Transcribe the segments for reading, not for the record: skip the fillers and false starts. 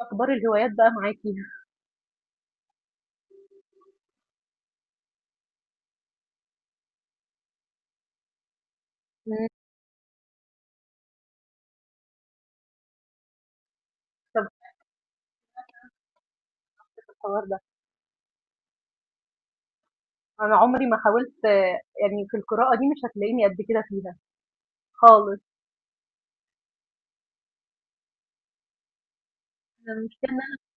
أخبار الهوايات بقى معاكِ؟ إمم. طَب، الحوار ده، أنا عمري ما حاولت. يعني في القراءة دي مش هتلاقيني قد كده فيها خالص. أنا المشكلة إن أنا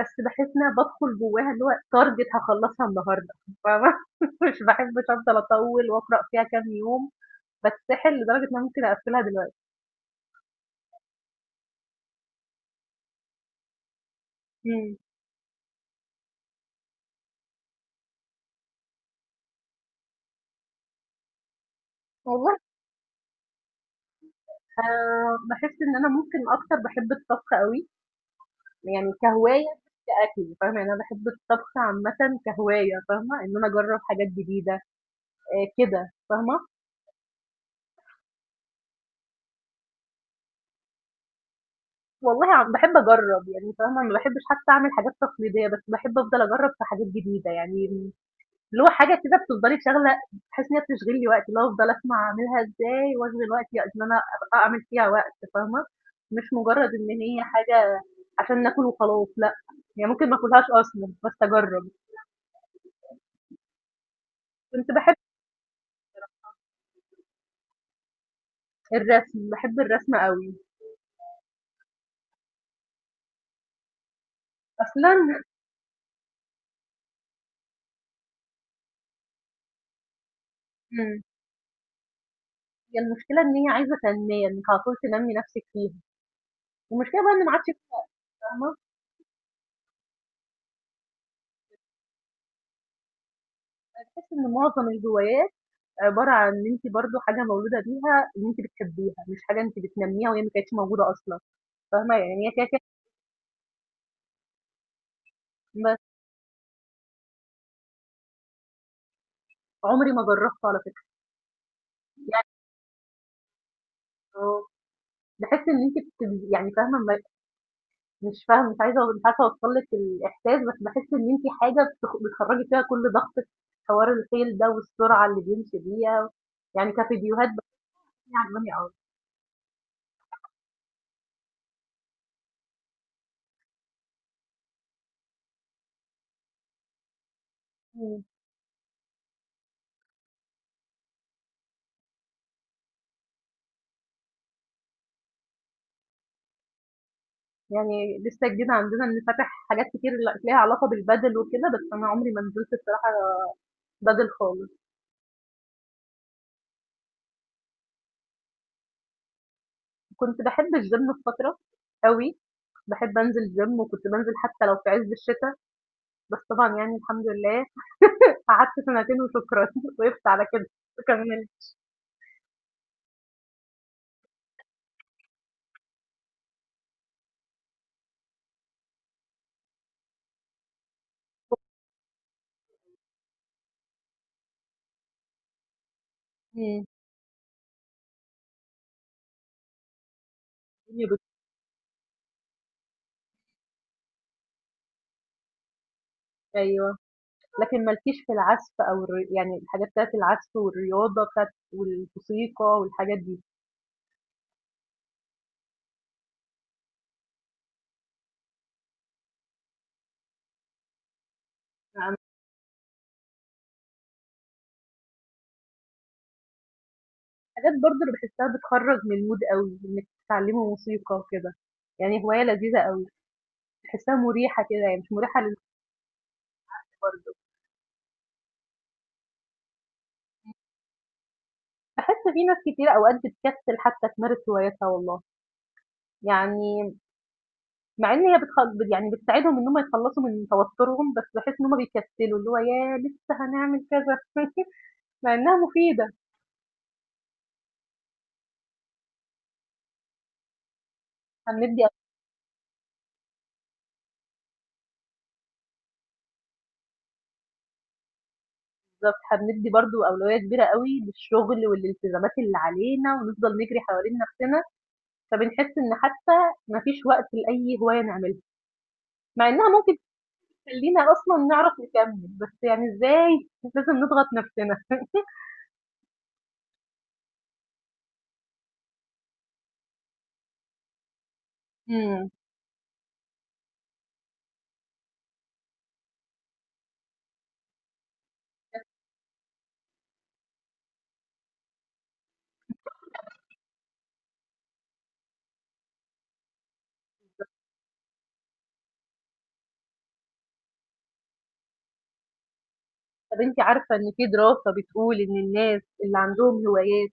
بس باحس إن أنا بادخل جواها اللي هو target هاخلّصها النهارده، فاهمة؟ مش باحبش أفضل أطوّل وأقرأ فيها كام يوم، باتسحل لدرجة إن أنا ممكن أقفّلها دلوقتي. إمم. والله، باحس إن أنا ممكن أكتر باحب الطبخ أوي، يعني كهواية مش كأكل، فاهمة؟ يعني أنا باحب الطبخ عامةً كهواية، فاهمة؟ إن أنا أجرّب حاجات جديدة. كده، فاهمة؟ والله، بحب أجرّب، يعني فاهمة؟ ما باحبش حتى أعمل حاجات تقليدية، بس باحب أفضل أجرّب في حاجات جديدة، يعني اللي هو حاجة كده بتفضلي شاغلة، باحس إن هي بتشغل لي وقتي، اللي هو أفضل أسمع أعملها إزاي وأشغل وقتي إن أنا أعمل فيها وقت، فاهمة؟ مش مجرّد إن هي حاجة عشان ناكل وخلاص، لأ، يعني ممكن ما آكلهاش أصلًا بس أجرّب. كنت باحب الرسم، باحب الرسم أوي، أصلًا. إمم. هي المشكلة إن هي عايزة تنمية، إنِّك على طول تنمّي نَفْسِك فيها، والمشكلة بقى إن ما عادش، فاهمة؟ باحس إن معظم الهوايات عبارة عن إن أنتِ برضه حاجة مولودة بيها إن أنتِ بتحبيها، مش حاجة أنتِ بتنمّيها وهي ما كانتش موجودة أصلًا، فاهمة؟ يعني هي كده، كده. بس عمري ما جرّبته على فكرة، يعني. آه، باحس إن أنتِ يعني، فاهمة؟ ما مش فاهمة، مش عايزة، مش عارفة أوصّل لِك الإحساس، بس باحس إن أنتِ حاجة بتخرّجي فيها كل ضغطِك، حوار الخيل ده والسرعة اللي بيمشي بيها، يعني كفيديوهات بتكون عاجباني أوي. إمم. يعني لسه جديد عندنا إن فاتح حاجات كتير ليها علاقة بالبادل وكده، بس أنا عمري ما نزلت الصراحة بادل خالص. كنت باحب الgym في فترة أوي، باحب أنزل gym وكنت بانزل حتى لو في عز الشتا، بس طبعًا يعني الحمد لله قعدت سنتين وشكرًا، وقفت على كده، كملت. إمم. الدنيا بت أيوه، لكن ما لكيش في العزف أو يعني الحاجات بتاعة العزف والرياضة بتاعة والموسيقى والحاجات دي، يعني حاجات برضه أنا باحسها بتخرّج من الmood أوي، إنِّك تتعلمي موسيقى وكده، يعني هواية لذيذة أوي، باحسها مريحة كده، هي مش مريحة للناس برضه، باحس في ناس كتير أوقات بتكسل حتى تمارس هواياتها والله. يعني مع إن هي يعني بتساعدهم إن هُم يتخلّصوا من توتُّرهم، بس باحس إن هُم بيكسّلوا، اللي هو ياه! لسه هنعمل كذا مع إنها مفيدة. هنِّدّي بالضبط، هنِّدّي برضه أولوية كبيرة أوي للشغل والالتزامات اللي علينا ونفضل نجري حوالين نَفْسنا، فبنحس إن حتى ما فيش وقت لأي هواية نعملها، مع إنها ممكن تخلّينا أصلًا نعرف نكمّل، بس يعني إزاي لازم نضغط نَفْسنا. إمم. طب أنتِ عارفة إن في دراسة بتقول إن الناس اللي عندهم هوايات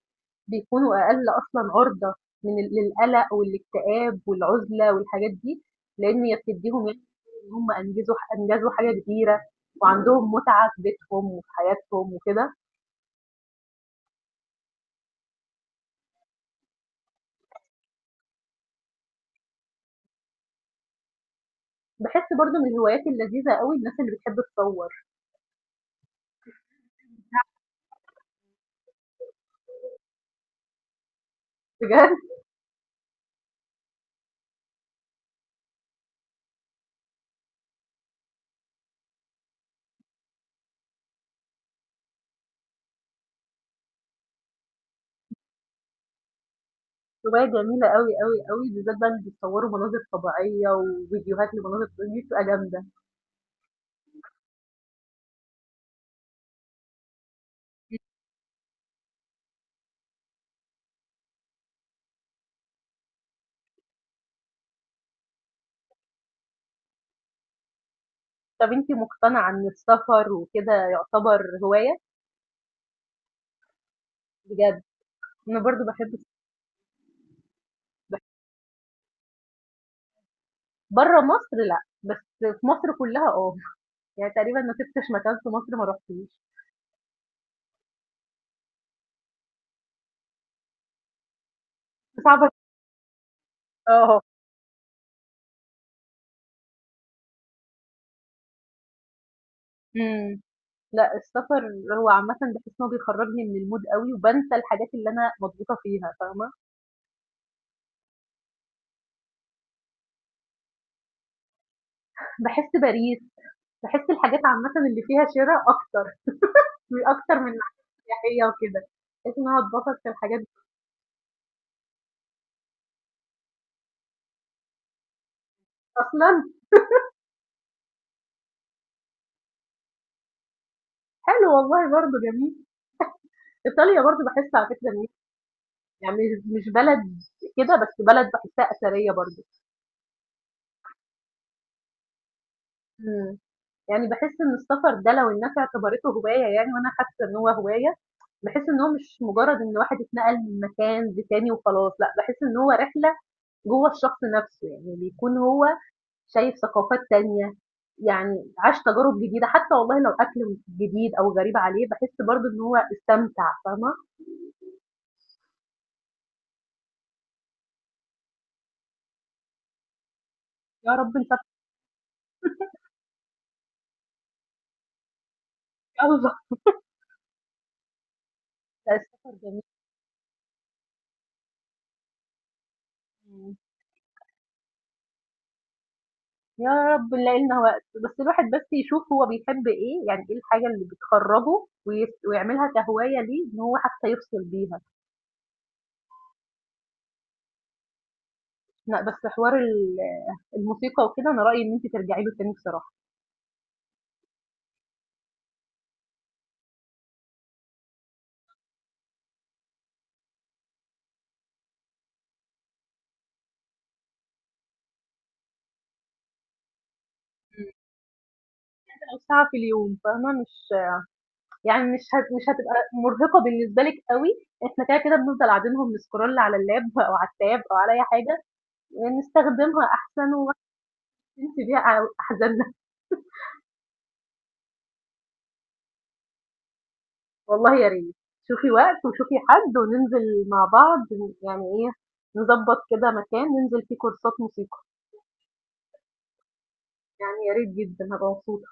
بيكونوا أقل أصلًا عُرضة من ال للقلق والاكتئاب والعُزلة والحاجات دي، لإن هي بتدّيهم يعني إن هم أنجزوا حاجة كبيرة وعندهم متعة في بيتهم وفي حياتهم وكده. باحس برضه من الهوايات اللذيذة أوي الناس اللي بتحب تصوّر، بجد هواية جميلة أوي، أوي، أوي، بالذات بقى اللي بيصوّروا مناظر طبيعية وفيديوهات لمناظر طبيعية دي بتبقى جامدة. طب أنتِ مقتنعة إن السفر وكده يعتبر هواية؟ بجد أنا برضه باحب السباحة، برّه مصر لأ، بس في مصر كلّها آه، يعني تقريبًا ما سِبتش مكان في مصر ما رُحتوش، صعبة آه، إمم. لأ السفر هو عامةً باحس إن هو بيخرّجني من الmood أوي وبانسى الحاجات اللي أنا مضغوطة فيها، فاهمة؟ باحس باريح، باحس الحاجات عامةً اللي فيها شِرا أكتر، أكتر من الحاجات السياحية وكده، باحس إن أنا اتبسط في الحاجات دي أصلًا! حلو والله، برضه جميل. إيطاليا برضه باحس على فكرة إن هي يعني مش بلد كده بس بلد باحسها أثرية برضه. إمم. يعني باحس إن السفر ده لو الناس اعتبرته هواية، يعني وأنا حاسة إن هو هواية، باحس إن هو مش مجرد إن واحد اتنقل من مكان لتاني وخلاص، لأ باحس إن هو رحلة جوّه الشخص نفسه، يعني بيكون هو شايف ثقافات تانية، يعني عاش تجارب جديدة، حتى والله لو أكل جديد أو غريب عليه باحس برضه إن هو استمتع، فاهمة؟ يا رب نسافر أوي بقى، لأ السفر جميل. يا رب نلاقي لنا وقت، بس الواحد بس يشوف هو بيحب ايه، يعني ايه الحاجة اللي بتخرجه ويعملها كهواية ليه، ان هو حتى يفصل بيها. لا، بس حوار الموسيقى وكده، انا رأيي ان انت ترجعي له تاني بصراحة، او ساعة في اليوم، فاهمة؟ مش يعني مش هتبقى مرهقة بالنسبة لك قوي، احنا كده كده بنفضل قاعدينهم نسكرول على اللاب او على التاب او على اي حاجة، نستخدمها احسن وننسي بيها احزاننا. والله يا ريت، شوفي وقت وشوفي حد وننزل مع بعض، يعني ايه، نظبط كده مكان ننزل فيه كورسات موسيقى، يعني يا ريت جدا هبقى مبسوطة.